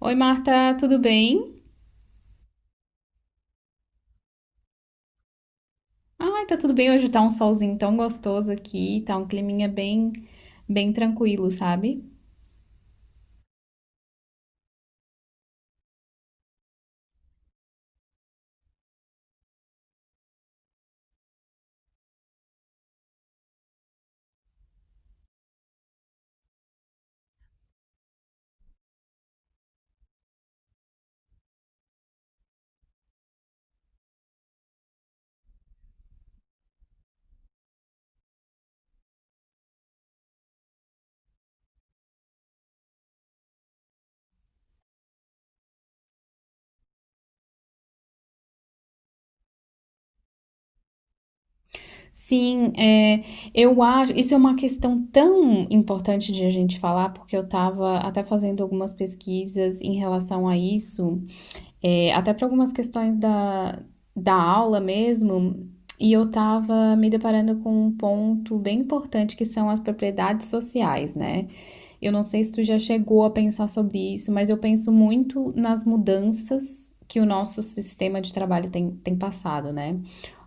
Oi, Marta, tudo bem? Ai, tá tudo bem. Hoje tá um solzinho tão gostoso aqui, tá um climinha bem, bem tranquilo, sabe? Sim, é, eu acho. Isso é uma questão tão importante de a gente falar, porque eu tava até fazendo algumas pesquisas em relação a isso, até para algumas questões da, da aula mesmo. E eu tava me deparando com um ponto bem importante que são as propriedades sociais, né? Eu não sei se tu já chegou a pensar sobre isso, mas eu penso muito nas mudanças que o nosso sistema de trabalho tem passado, né?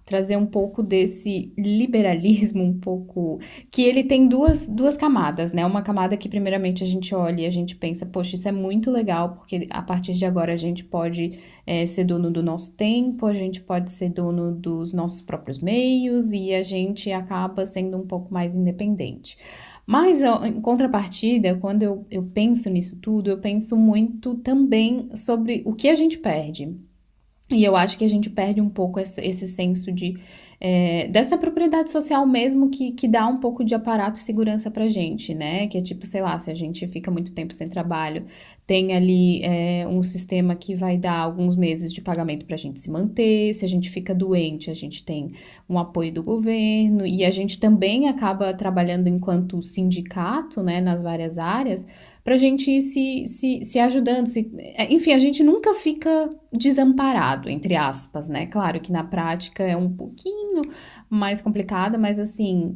Trazer um pouco desse liberalismo, um pouco. Que ele tem duas camadas, né? Uma camada que, primeiramente, a gente olha e a gente pensa, poxa, isso é muito legal, porque a partir de agora a gente pode ser dono do nosso tempo, a gente pode ser dono dos nossos próprios meios e a gente acaba sendo um pouco mais independente. Mas, em contrapartida, quando eu penso nisso tudo, eu penso muito também sobre o que a gente perde. E eu acho que a gente perde um pouco esse senso de dessa propriedade social mesmo que dá um pouco de aparato e segurança pra gente, né? Que é tipo, sei lá, se a gente fica muito tempo sem trabalho, tem ali um sistema que vai dar alguns meses de pagamento pra gente se manter, se a gente fica doente, a gente tem um apoio do governo, e a gente também acaba trabalhando enquanto sindicato, né, nas várias áreas, pra gente ir se ajudando, se enfim, a gente nunca fica desamparado, entre aspas, né? Claro que na prática é um pouquinho mais complicado, mas assim,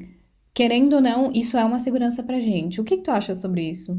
querendo ou não, isso é uma segurança pra gente. O que que tu acha sobre isso?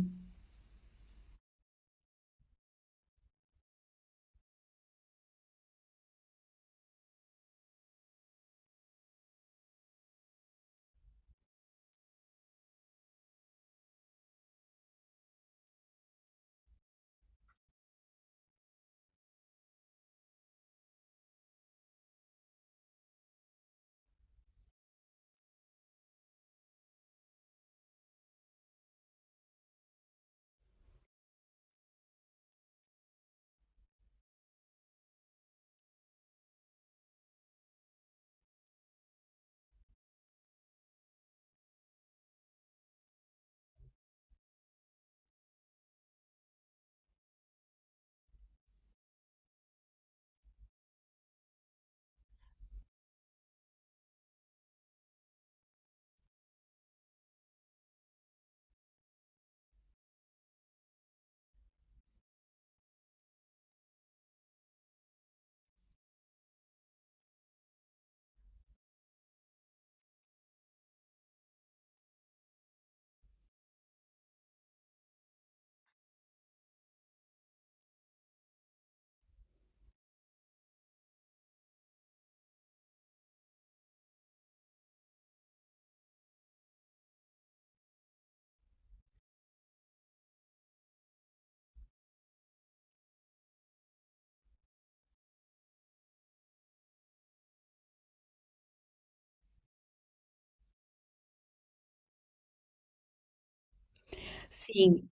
Sim.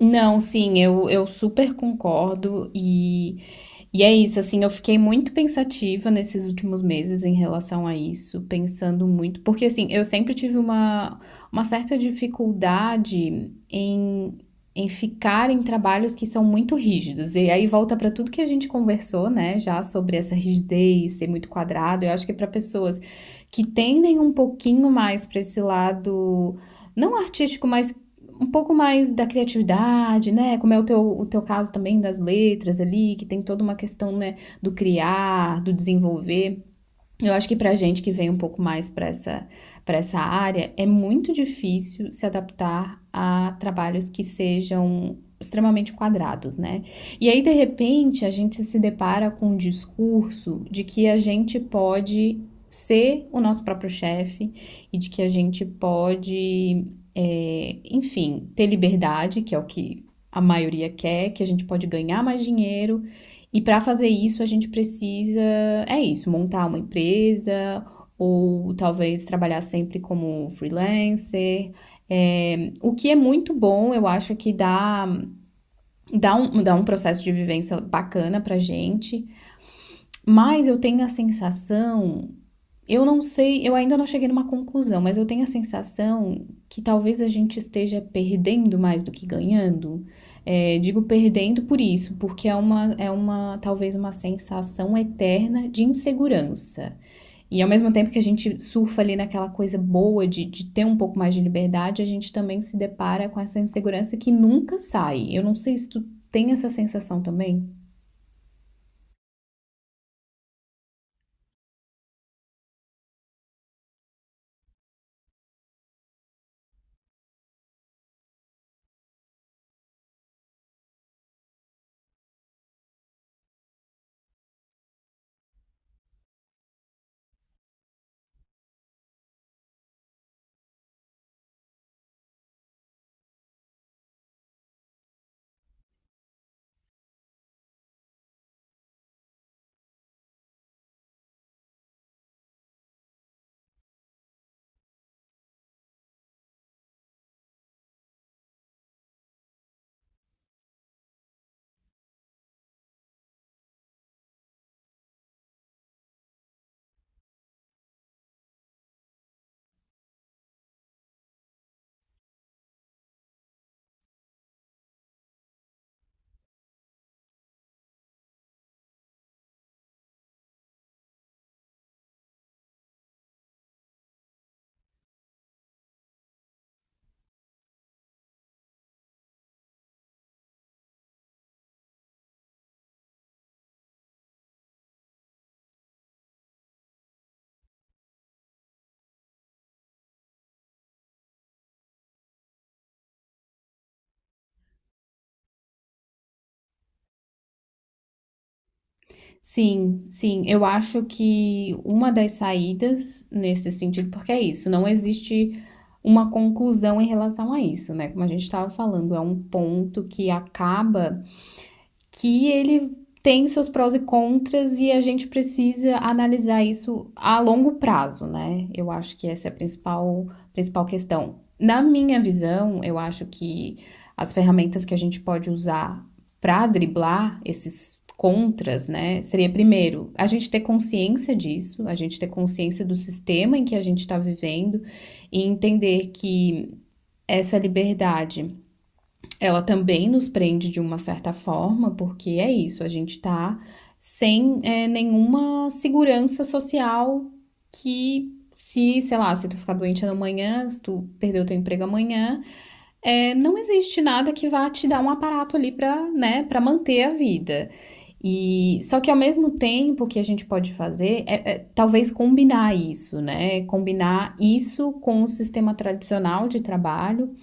Não, sim, eu super concordo. E é isso, assim, eu fiquei muito pensativa nesses últimos meses em relação a isso, pensando muito, porque assim, eu sempre tive uma certa dificuldade em, em ficar em trabalhos que são muito rígidos. E aí volta para tudo que a gente conversou, né, já sobre essa rigidez, ser muito quadrado. Eu acho que para pessoas que tendem um pouquinho mais para esse lado não artístico, mas um pouco mais da criatividade, né? Como é o teu caso também das letras ali, que tem toda uma questão, né, do criar, do desenvolver. Eu acho que pra gente que vem um pouco mais para para essa área, é muito difícil se adaptar a trabalhos que sejam extremamente quadrados, né? E aí, de repente, a gente se depara com um discurso de que a gente pode ser o nosso próprio chefe e de que a gente pode, enfim, ter liberdade, que é o que a maioria quer, que a gente pode ganhar mais dinheiro. E para fazer isso, a gente precisa é isso, montar uma empresa ou talvez trabalhar sempre como freelancer. É, o que é muito bom, eu acho que dá um processo de vivência bacana pra gente, mas eu tenho a sensação, eu não sei, eu ainda não cheguei numa conclusão, mas eu tenho a sensação que talvez a gente esteja perdendo mais do que ganhando. É, digo perdendo por isso, porque é uma sensação eterna de insegurança. E ao mesmo tempo que a gente surfa ali naquela coisa boa de ter um pouco mais de liberdade, a gente também se depara com essa insegurança que nunca sai. Eu não sei se tu tem essa sensação também? Sim, sim, eu acho que uma das saídas nesse sentido, porque é isso, não existe uma conclusão em relação a isso, né? Como a gente estava falando, é um ponto que acaba que ele tem seus prós e contras e a gente precisa analisar isso a longo prazo, né? Eu acho que essa é a principal questão. Na minha visão, eu acho que as ferramentas que a gente pode usar para driblar esses contras, né? Seria primeiro a gente ter consciência disso, a gente ter consciência do sistema em que a gente está vivendo e entender que essa liberdade ela também nos prende de uma certa forma, porque é isso, a gente tá sem nenhuma segurança social que se, sei lá, se tu ficar doente amanhã, se tu perder o teu emprego amanhã, não existe nada que vá te dar um aparato ali para, né, para manter a vida. E só que ao mesmo tempo que a gente pode fazer talvez combinar isso, né, combinar isso com o sistema tradicional de trabalho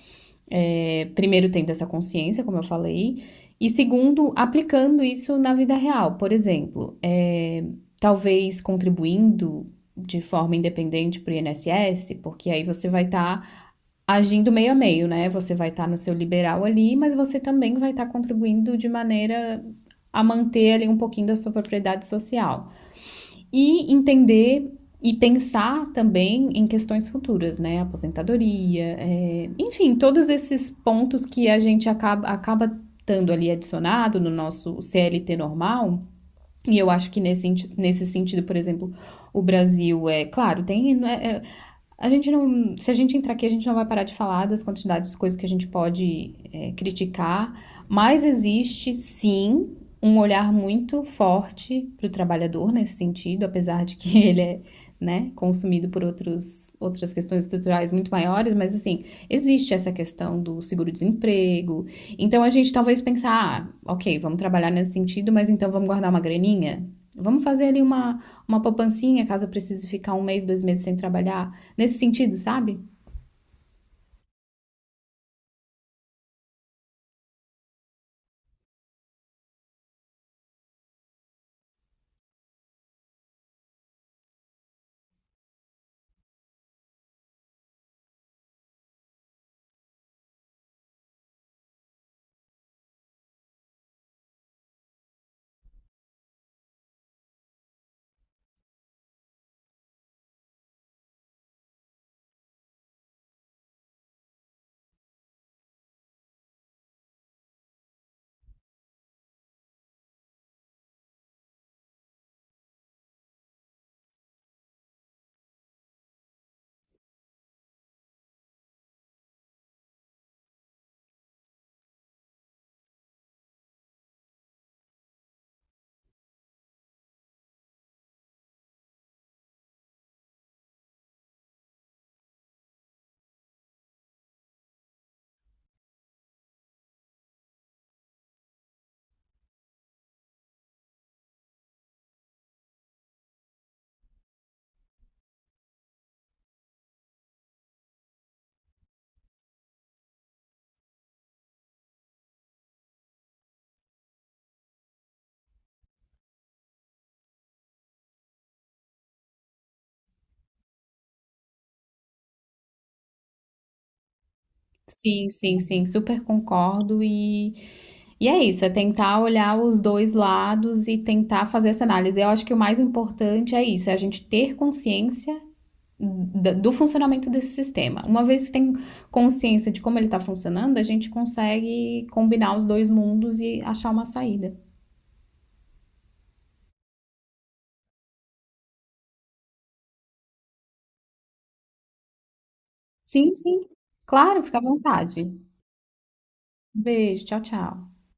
primeiro, tendo essa consciência, como eu falei, e segundo, aplicando isso na vida real. Por exemplo, talvez contribuindo de forma independente para o INSS, porque aí você vai estar agindo meio a meio, né? Você vai estar no seu liberal ali, mas você também vai estar contribuindo de maneira a manter ali um pouquinho da sua propriedade social. E entender e pensar também em questões futuras, né? Aposentadoria, enfim, todos esses pontos que a gente acaba estando ali adicionado no nosso CLT normal. E eu acho que nesse sentido, por exemplo, o Brasil é claro, tem né, a gente não. Se a gente entrar aqui, a gente não vai parar de falar das quantidades de coisas que a gente pode criticar, mas existe sim um olhar muito forte para o trabalhador nesse sentido, apesar de que ele é né, consumido por outros, outras questões estruturais muito maiores, mas assim, existe essa questão do seguro-desemprego. Então a gente talvez pensar, ah, ok, vamos trabalhar nesse sentido, mas então vamos guardar uma graninha? Vamos fazer ali uma poupancinha caso eu precise ficar um mês, dois meses sem trabalhar? Nesse sentido, sabe? Sim, sim, sim, super concordo e é isso, é tentar olhar os dois lados e tentar fazer essa análise. Eu acho que o mais importante é isso, é a gente ter consciência do funcionamento desse sistema. Uma vez que tem consciência de como ele está funcionando, a gente consegue combinar os dois mundos e achar uma saída. Sim, sim, claro, fica à vontade. Beijo, tchau, tchau.